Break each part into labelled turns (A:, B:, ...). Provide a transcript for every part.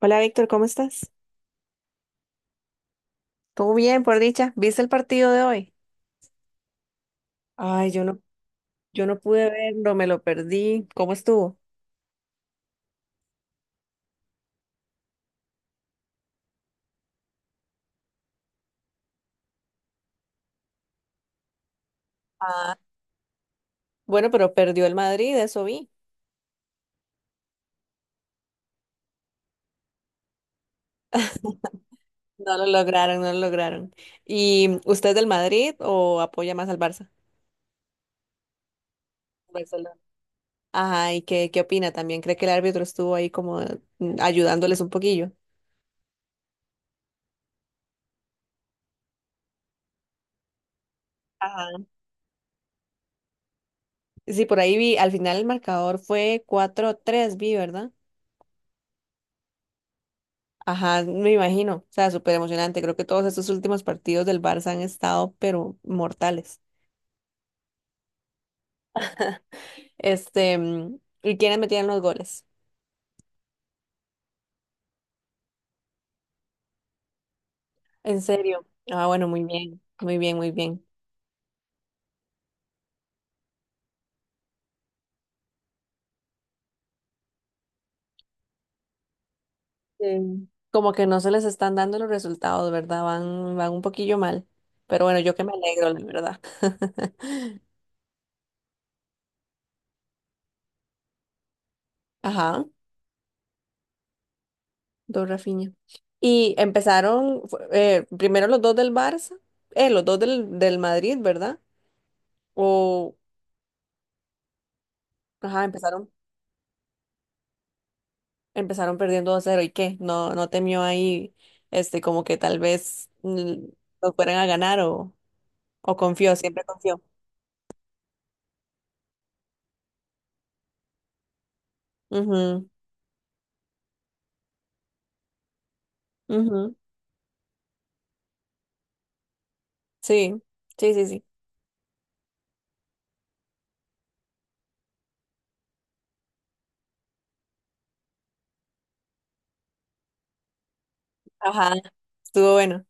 A: Hola Víctor, ¿cómo estás? Todo bien, por dicha. ¿Viste el partido de hoy? Ay, yo no pude verlo, me lo perdí. ¿Cómo estuvo? Ah, bueno, pero perdió el Madrid, eso vi. No lo lograron, no lo lograron. ¿Y usted es del Madrid o apoya más al Barça? Barcelona. Ajá, ¿y qué opina también? ¿Cree que el árbitro estuvo ahí como ayudándoles un poquillo? Ajá. Sí, por ahí vi, al final el marcador fue 4-3, vi, ¿verdad? Ajá, me imagino. O sea, súper emocionante. Creo que todos estos últimos partidos del Barça han estado, pero mortales. Este, ¿y quiénes metían los goles? ¿En serio? Ah, bueno, muy bien, muy bien, muy bien. Sí. Como que no se les están dando los resultados, ¿verdad? Van un poquillo mal. Pero bueno, yo que me alegro, la verdad. Ajá, dos Rafinha. Y empezaron primero los dos del Barça, los dos del Madrid, ¿verdad? O, ajá, empezaron. Empezaron perdiendo 2 cero y qué, no temió ahí, este, como que tal vez nos fueran a ganar o confió, siempre confió. Ujú, ujú, sí, sí, sí, sí. Ajá, estuvo bueno.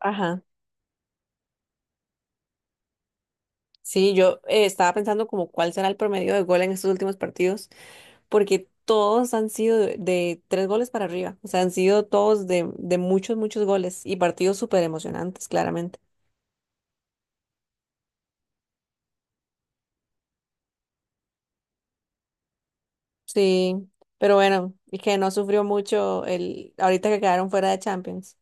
A: Ajá. Sí, yo estaba pensando como cuál será el promedio de gol en estos últimos partidos, porque todos han sido de tres goles para arriba, o sea, han sido todos de muchos, muchos goles y partidos súper emocionantes, claramente. Sí, pero bueno, y que no sufrió mucho el ahorita que quedaron fuera de Champions.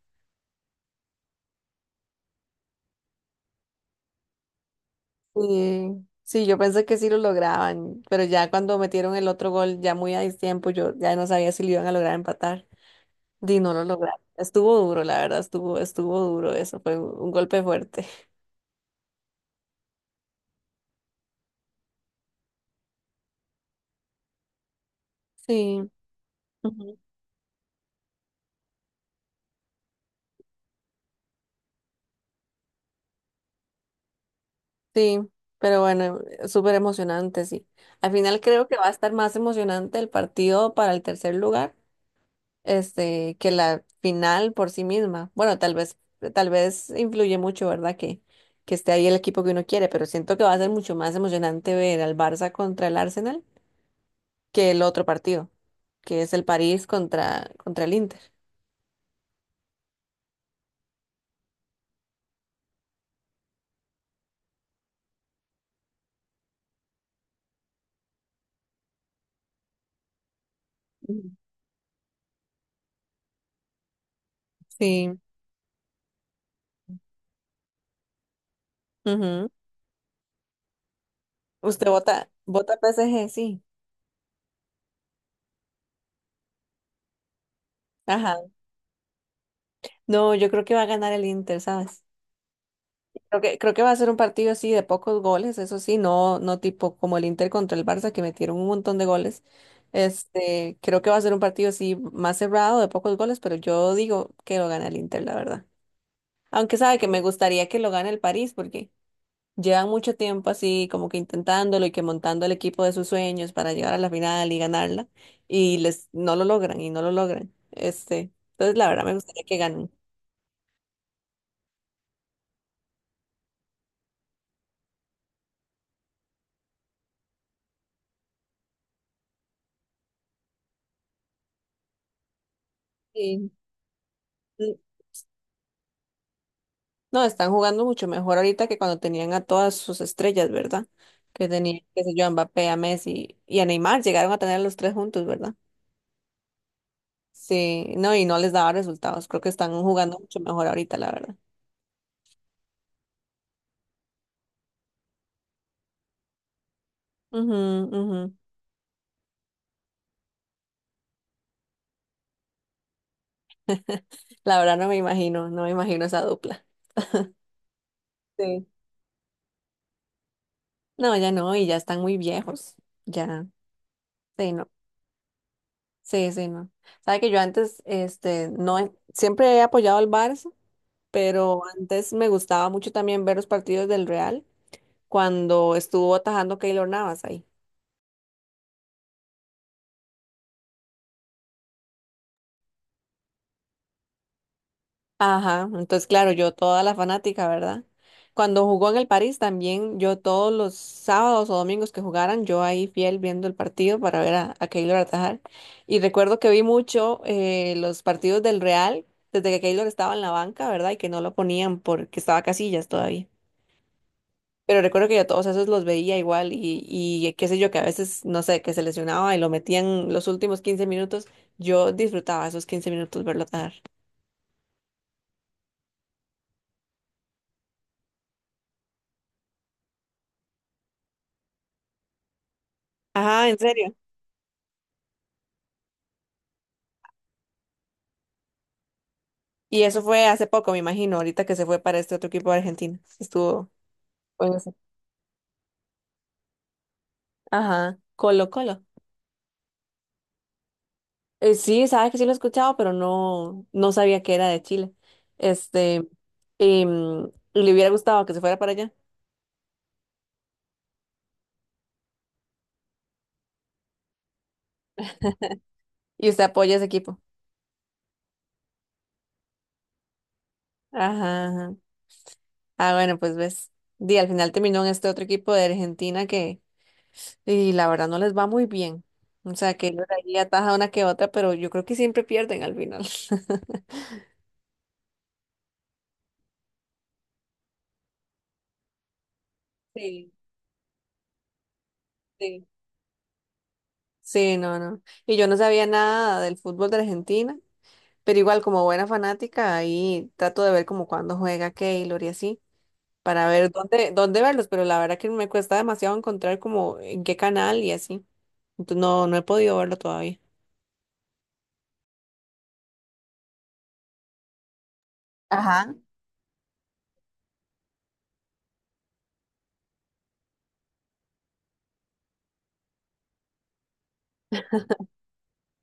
A: Sí, sí, yo pensé que sí lo lograban, pero ya cuando metieron el otro gol, ya muy a tiempo, yo ya no sabía si lo iban a lograr empatar. Y no lo lograron. Estuvo duro, la verdad, estuvo duro eso, fue un golpe fuerte. Sí, ujú, sí, pero bueno, súper emocionante, sí. Al final creo que va a estar más emocionante el partido para el tercer lugar este, que la final por sí misma. Bueno, tal vez influye mucho, ¿verdad? Que esté ahí el equipo que uno quiere, pero siento que va a ser mucho más emocionante ver al Barça contra el Arsenal que el otro partido, que es el París contra el Inter. Ujú. Sí. Ujú. Usted vota PSG, sí. Ajá. No, yo creo que va a ganar el Inter, ¿sabes? Creo que va a ser un partido así de pocos goles, eso sí, no, no tipo como el Inter contra el Barça que metieron un montón de goles. Este, creo que va a ser un partido así más cerrado de pocos goles, pero yo digo que lo gana el Inter, la verdad. Aunque sabe que me gustaría que lo gane el París porque llevan mucho tiempo así como que intentándolo y que montando el equipo de sus sueños para llegar a la final y ganarla y les no lo logran y no lo logran. Este, entonces la verdad me gustaría que ganen. Sí. No, están jugando mucho mejor ahorita que cuando tenían a todas sus estrellas, ¿verdad? Que tenían, qué sé yo, a Mbappé, a Messi y a Neymar, llegaron a tener a los tres juntos, ¿verdad? Sí, no, y no les daba resultados. Creo que están jugando mucho mejor ahorita, la verdad. Ujú, ujú. La verdad no me imagino, no me imagino esa dupla. Sí. No, ya no, y ya están muy viejos. Ya, sí, no. Sí, sí, no. Sabe que yo antes, este, no, siempre he apoyado al Barça, pero antes me gustaba mucho también ver los partidos del Real. Cuando estuvo atajando Keylor Navas ahí. Ajá, entonces claro, yo toda la fanática, ¿verdad? Cuando jugó en el París también, yo todos los sábados o domingos que jugaran, yo ahí fiel viendo el partido para ver a Keylor atajar. Y recuerdo que vi mucho los partidos del Real desde que Keylor estaba en la banca, ¿verdad? Y que no lo ponían porque estaba Casillas todavía. Pero recuerdo que yo todos esos los veía igual y qué sé yo, que a veces, no sé, que se lesionaba y lo metían los últimos 15 minutos. Yo disfrutaba esos 15 minutos verlo dar. Ajá, en serio. Y eso fue hace poco, me imagino, ahorita que se fue para este otro equipo de Argentina. Estuvo. Bueno, sí. Ajá, Colo Colo. Sí, sabe que sí lo he escuchado, pero no, no sabía que era de Chile. Este, le hubiera gustado que se fuera para allá. Y usted apoya a ese equipo. Ajá. Ajá. Ah, bueno, pues ves. Di, al final terminó en este otro equipo de Argentina que, y la verdad no les va muy bien. O sea, que ellos ahí ataja una que otra, pero yo creo que siempre pierden al final. Sí, sí. Sí, no, no. Y yo no sabía nada del fútbol de Argentina, pero igual como buena fanática, ahí trato de ver como cuándo juega Keylor y así, para ver dónde verlos, pero la verdad que me cuesta demasiado encontrar como en qué canal y así. Entonces no, no he podido verlo todavía. Ajá.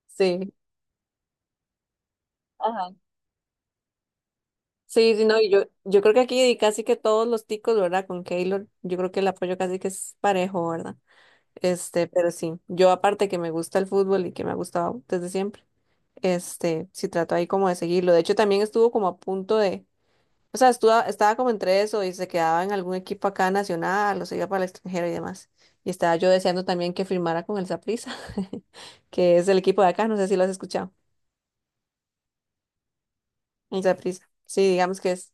A: Sí. Sí, sí, no, y yo creo que aquí casi que todos los ticos, ¿verdad? Con Keylor, yo creo que el apoyo casi que es parejo, ¿verdad? Este, pero sí, yo aparte que me gusta el fútbol y que me ha gustado desde siempre, este, sí trato ahí como de seguirlo. De hecho, también estuvo como a punto de, o sea, estuvo, estaba como entre eso y se quedaba en algún equipo acá nacional o se iba para el extranjero y demás. Y estaba yo deseando también que firmara con el Saprissa, que es el equipo de acá, no sé si lo has escuchado. Y prisa, sí, digamos que es.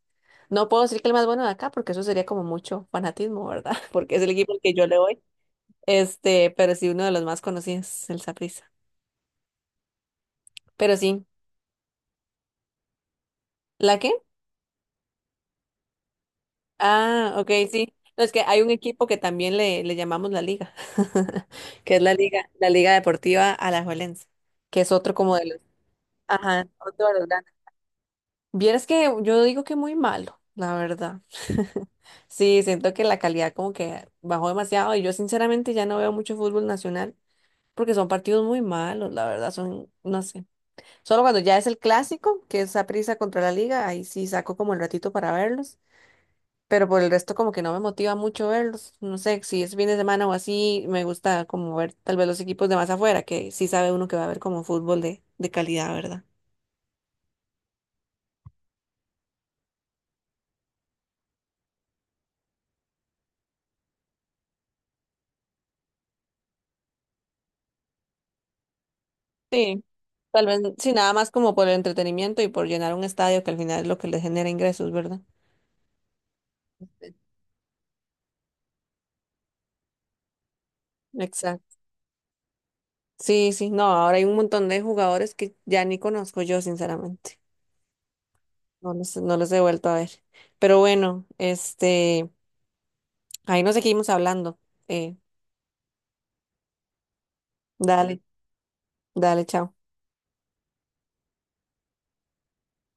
A: No puedo decir que el más bueno de acá, porque eso sería como mucho fanatismo, ¿verdad? Porque es el equipo al que yo le voy. Este, pero sí, uno de los más conocidos, el Saprissa. Pero sí. ¿La qué? Ah, ok, sí. No, es que hay un equipo que también le llamamos la Liga, que es la Liga Deportiva Alajuelense, que es otro como de los, ajá, otro de los grandes. Vieras que yo digo que muy malo, la verdad. Sí, siento que la calidad como que bajó demasiado y yo sinceramente ya no veo mucho fútbol nacional porque son partidos muy malos, la verdad, son, no sé. Solo cuando ya es el clásico, que es prisa contra la Liga, ahí sí saco como el ratito para verlos, pero por el resto como que no me motiva mucho verlos. No sé, si es fin de semana o así, me gusta como ver tal vez los equipos de más afuera, que sí sabe uno que va a ver como fútbol de calidad, ¿verdad? Sí, tal vez, sí, nada más como por el entretenimiento y por llenar un estadio que al final es lo que les genera ingresos, ¿verdad? Exacto. Sí, sí, no, ahora hay un montón de jugadores que ya ni conozco yo, sinceramente. No los he vuelto a ver. Pero bueno, este, ahí nos seguimos hablando. Eh, dale, dale, chao.